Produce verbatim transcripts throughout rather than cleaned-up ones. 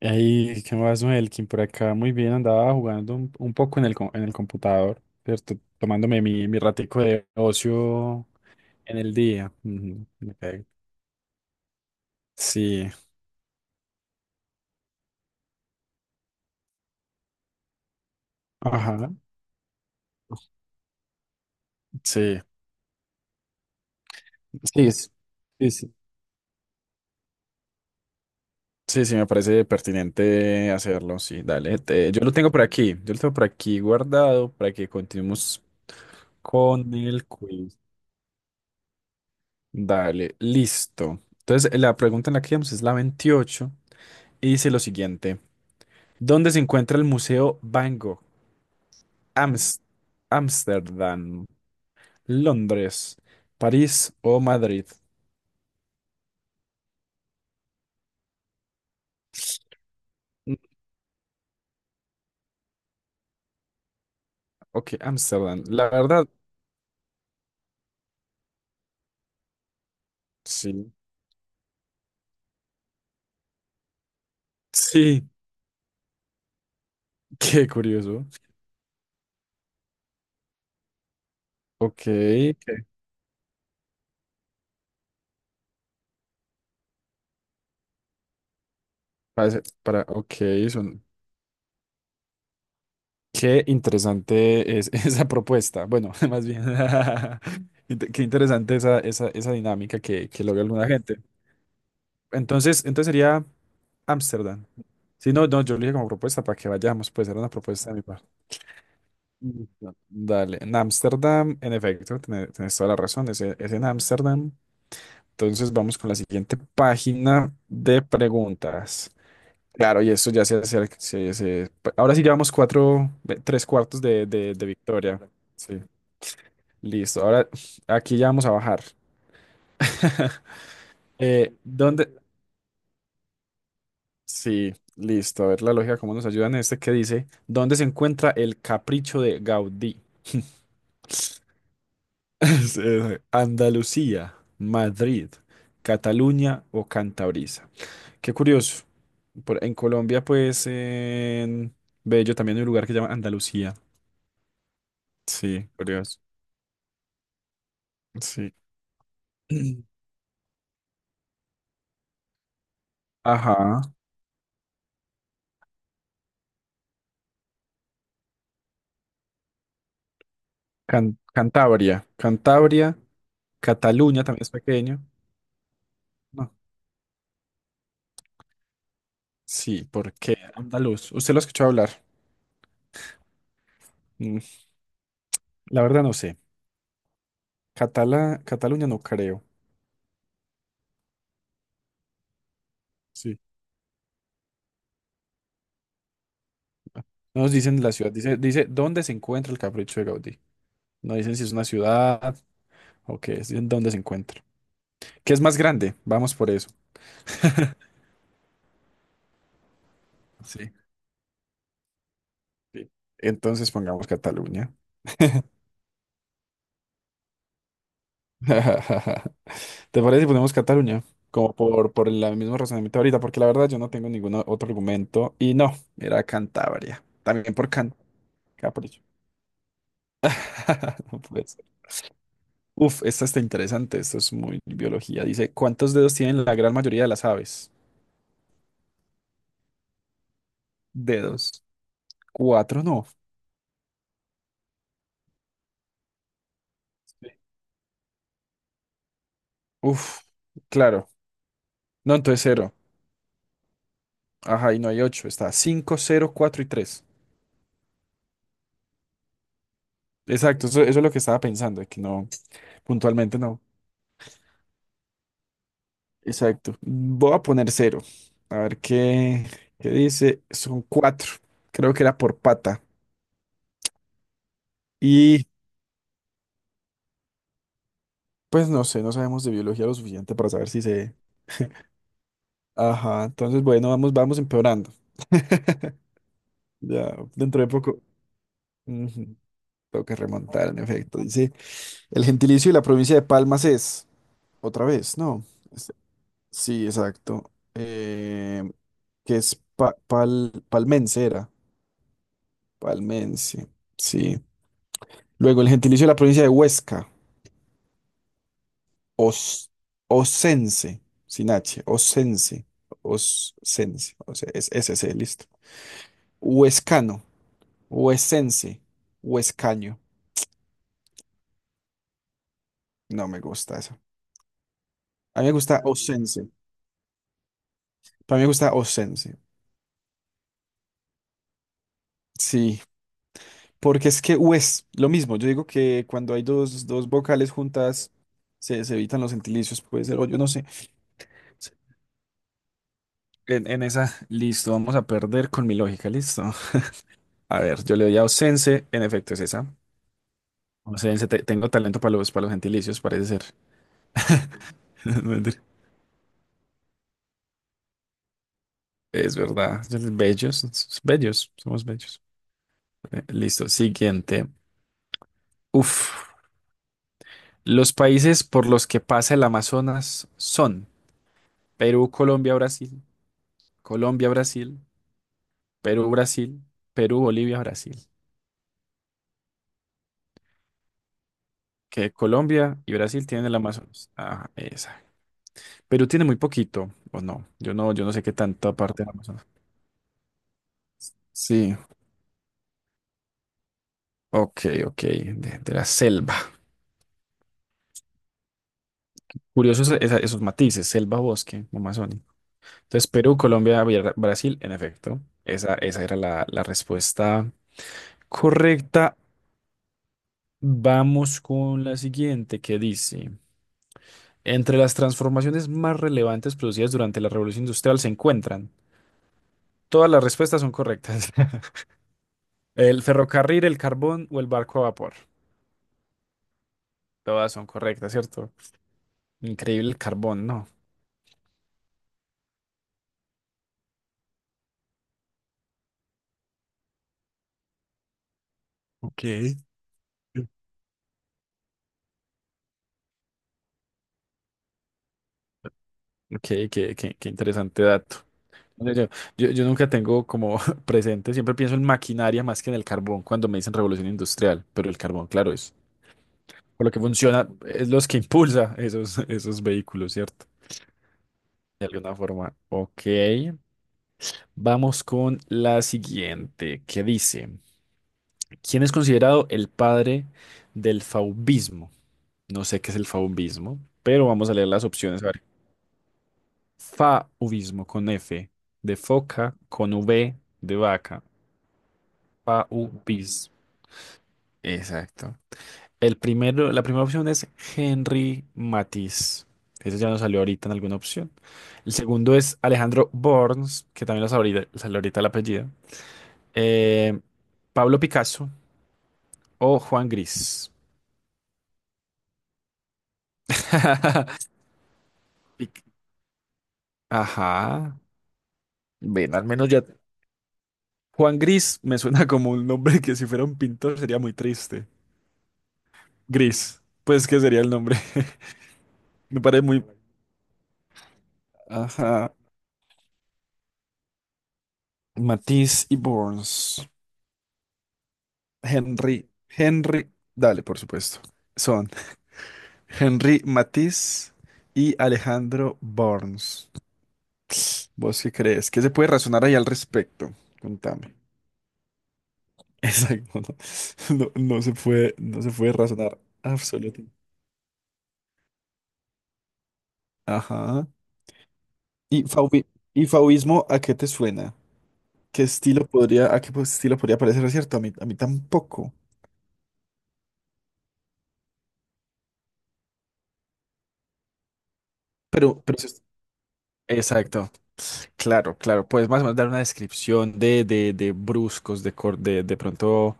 Ahí, ¿qué más, Melkin? Por acá muy bien, andaba jugando un, un poco en el, co- en el computador, ¿cierto? Tomándome mi, mi ratico de ocio en el día. Ujú, ok. Sí, ajá, sí, sí, es- sí, sí, sí, sí, me parece pertinente hacerlo, sí, dale. te- yo lo tengo por aquí, yo lo tengo por aquí guardado para que continuemos con el quiz. Dale, listo. Entonces, la pregunta en la que íbamos es la veintiocho y dice lo siguiente. ¿Dónde se encuentra el Museo Van Gogh? Ams- Ámsterdam, Londres, París o Madrid. Mm, Ok, Ámsterdam. La verdad, sí. Sí, qué curioso. Ok, que parece- para, ok, son, qué interesante es esa propuesta. Bueno, más bien, inte- qué interesante esa, esa, esa dinámica que, que logra alguna gente. Entonces, entonces sería Ámsterdam. Si no, no, yo lo dije como propuesta para que vayamos, pues era una propuesta de mi parte. Dale, en Ámsterdam, en efecto, tiene- tienes toda la razón, es, e- es en Ámsterdam. Entonces vamos con la siguiente página de preguntas. Claro, y esto ya se hace, se- se- ahora sí llevamos cuatro, ve- tres cuartos de, de- de victoria. Sí, listo. Ahora aquí ya vamos a bajar. Eh, ¿dónde? Sí, listo. A ver la lógica, cómo nos ayuda en este que dice, ¿dónde se encuentra el capricho de Gaudí? Sí, sí. Andalucía, Madrid, Cataluña o Cantabria. Qué curioso. Por- en Colombia, pues, en Bello también hay un lugar que se llama Andalucía. Sí, curioso. Sí. Ajá. Can- Cantabria. Cantabria, Cataluña también es pequeño. No. Sí, ¿por qué? Andaluz. ¿Usted lo ha escuchado hablar? Mm, La verdad no sé. Catala, Cataluña no creo. Sí. No nos dicen la ciudad. Dice, dice, ¿dónde se encuentra el capricho de Gaudí? No dicen si es una ciudad o qué es, en dónde se encuentra. ¿Qué es más grande? Vamos por eso. Sí. Sí. Entonces pongamos Cataluña. ¿Te parece si ponemos Cataluña? Como por, por el mismo razonamiento ahorita, porque la verdad yo no tengo ningún otro argumento. Y no, era Cantabria. También por Can Capricho. No puede ser. Uf, esta está interesante. Esto es muy biología. Dice, ¿cuántos dedos tienen la gran mayoría de las aves? Dedos. Cuatro, no. Sí. Uf, claro. No, entonces cero. Ajá, y no hay ocho, está cinco cero cuatro y tres. Exacto, eso, eso es lo que estaba pensando, que no, puntualmente no. Exacto. Voy a poner cero. A ver qué, qué dice. Son cuatro. Creo que era por pata. Y pues no sé, no sabemos de biología lo suficiente para saber si se... Ajá, entonces bueno, vamos, vamos empeorando. Ya, dentro de poco. Ujú, tengo que remontar, en efecto. Dice, el gentilicio de la provincia de Palmas es, otra vez, ¿no? Sí, exacto. Eh, que es pa- pal- palmensera, palmense, sí. Luego el gentilicio de la provincia de Huesca, os, osense, sin H, osense, osense, o sea, es s SC, listo. Huescano, huesense, huescaño. No me gusta eso. A mí me gusta osense, para mí me gusta osense, sí. Porque es que U es lo mismo. Yo digo que cuando hay dos, dos vocales juntas, se, se evitan los gentilicios, puede ser, o yo no sé. En, en esa, listo, vamos a perder con mi lógica, listo. A ver, yo le doy a ausense, en efecto es esa. Ausense, te- tengo talento para los, para los gentilicios, parece ser. No, mentira. Es verdad, bellos, s- bellos, somos bellos. Eh, Listo, siguiente. Uf, los países por los que pasa el Amazonas son Perú, Colombia, Brasil. Colombia, Brasil. Perú, Brasil, Perú, Bolivia, Brasil. Que Colombia y Brasil tienen el Amazonas. Ajá, esa. Perú tiene muy poquito, o no. Yo no, yo no sé qué tanta parte del Amazonas. Sí, ok, ok, de, de la selva. Curiosos esa- esos matices, selva, bosque, Amazonia. Entonces, Perú, Colombia, Bra- Brasil, en efecto. Esa, esa era la, la respuesta correcta. Vamos con la siguiente, que dice, entre las transformaciones más relevantes producidas durante la Revolución Industrial se encuentran. Todas las respuestas son correctas. El ferrocarril, el carbón o el barco a vapor. Todas son correctas, ¿cierto? Increíble el carbón, ¿no? Ok. Qué, qué, qué- qué interesante dato. Yo, yo- yo- yo nunca tengo como presente, siempre pienso en maquinaria más que en el carbón cuando me dicen revolución industrial, pero el carbón, claro, es por lo que funciona, es los que impulsa esos, esos vehículos, ¿cierto? De alguna forma. Ok, vamos con la siguiente, que dice. ¿Quién es considerado el padre del fauvismo? No sé qué es el fauvismo, pero vamos a leer las opciones. A ver. Fauvismo con F de foca, con V de vaca. Fauvismo. Exacto. El primero, la primera opción es Henri Matisse. Ese ya nos salió ahorita en alguna opción. El segundo es Alejandro Borns, que también lo salió ahorita, salió ahorita el apellido. Eh, Pablo Picasso o Juan Gris. Pic- Ajá. Ven, al menos ya. Juan Gris me suena como un nombre que si fuera un pintor sería muy triste. Gris, pues que sería el nombre. Me parece muy. Ajá. Matisse y Borns. Henry. Henry. Dale, por supuesto. Son Henry Matisse y Alejandro Borns. ¿Vos qué crees? ¿Qué se puede razonar ahí al respecto? Contame. Exacto. No, no, no se puede, no se puede razonar absolutamente. Ajá. ¿Y, fauvi- y fauvismo a qué te suena? ¿Qué estilo podría, a qué pues, estilo podría parecer cierto? A mí, a mí tampoco. Pero, pero sí es- Exacto. Claro, claro. Puedes más o menos dar una descripción de, de, de bruscos, de, cor- de, de pronto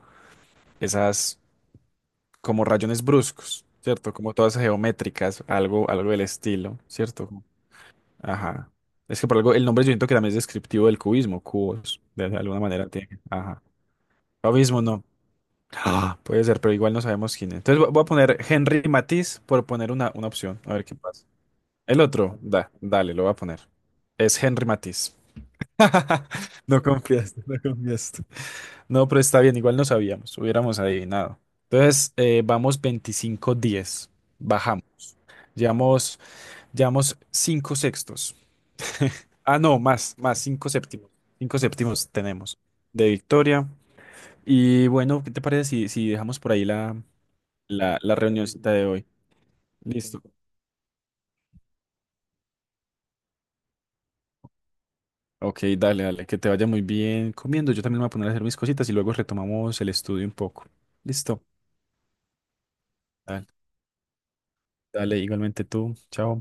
esas como rayones bruscos, ¿cierto? Como todas geométricas, algo, algo del estilo, ¿cierto? Como- Ajá. Es que por algo, el nombre yo siento que también es descriptivo del cubismo, cubos, de, de alguna manera tiene. Ajá. Fauvismo no. Ah, puede ser, pero igual no sabemos quién es. Entonces vo- voy a poner Henry Matisse por poner una, una opción. A ver qué pasa. El otro, da, dale, lo voy a poner. Es Henry Matisse. No confiaste, no confiaste. No, pero está bien, igual no sabíamos, hubiéramos adivinado. Entonces, eh, vamos veinticinco diez. Bajamos. Llevamos, llevamos cinco sextos. Ah, no, más, más, cinco séptimos. Cinco séptimos tenemos de victoria. Y bueno, ¿qué te parece si, si dejamos por ahí la la, la reunioncita de hoy. Listo. Ok, dale, dale, que te vaya muy bien comiendo. Yo también me voy a poner a hacer mis cositas y luego retomamos el estudio un poco. Listo. Dale, dale, igualmente tú. Chao.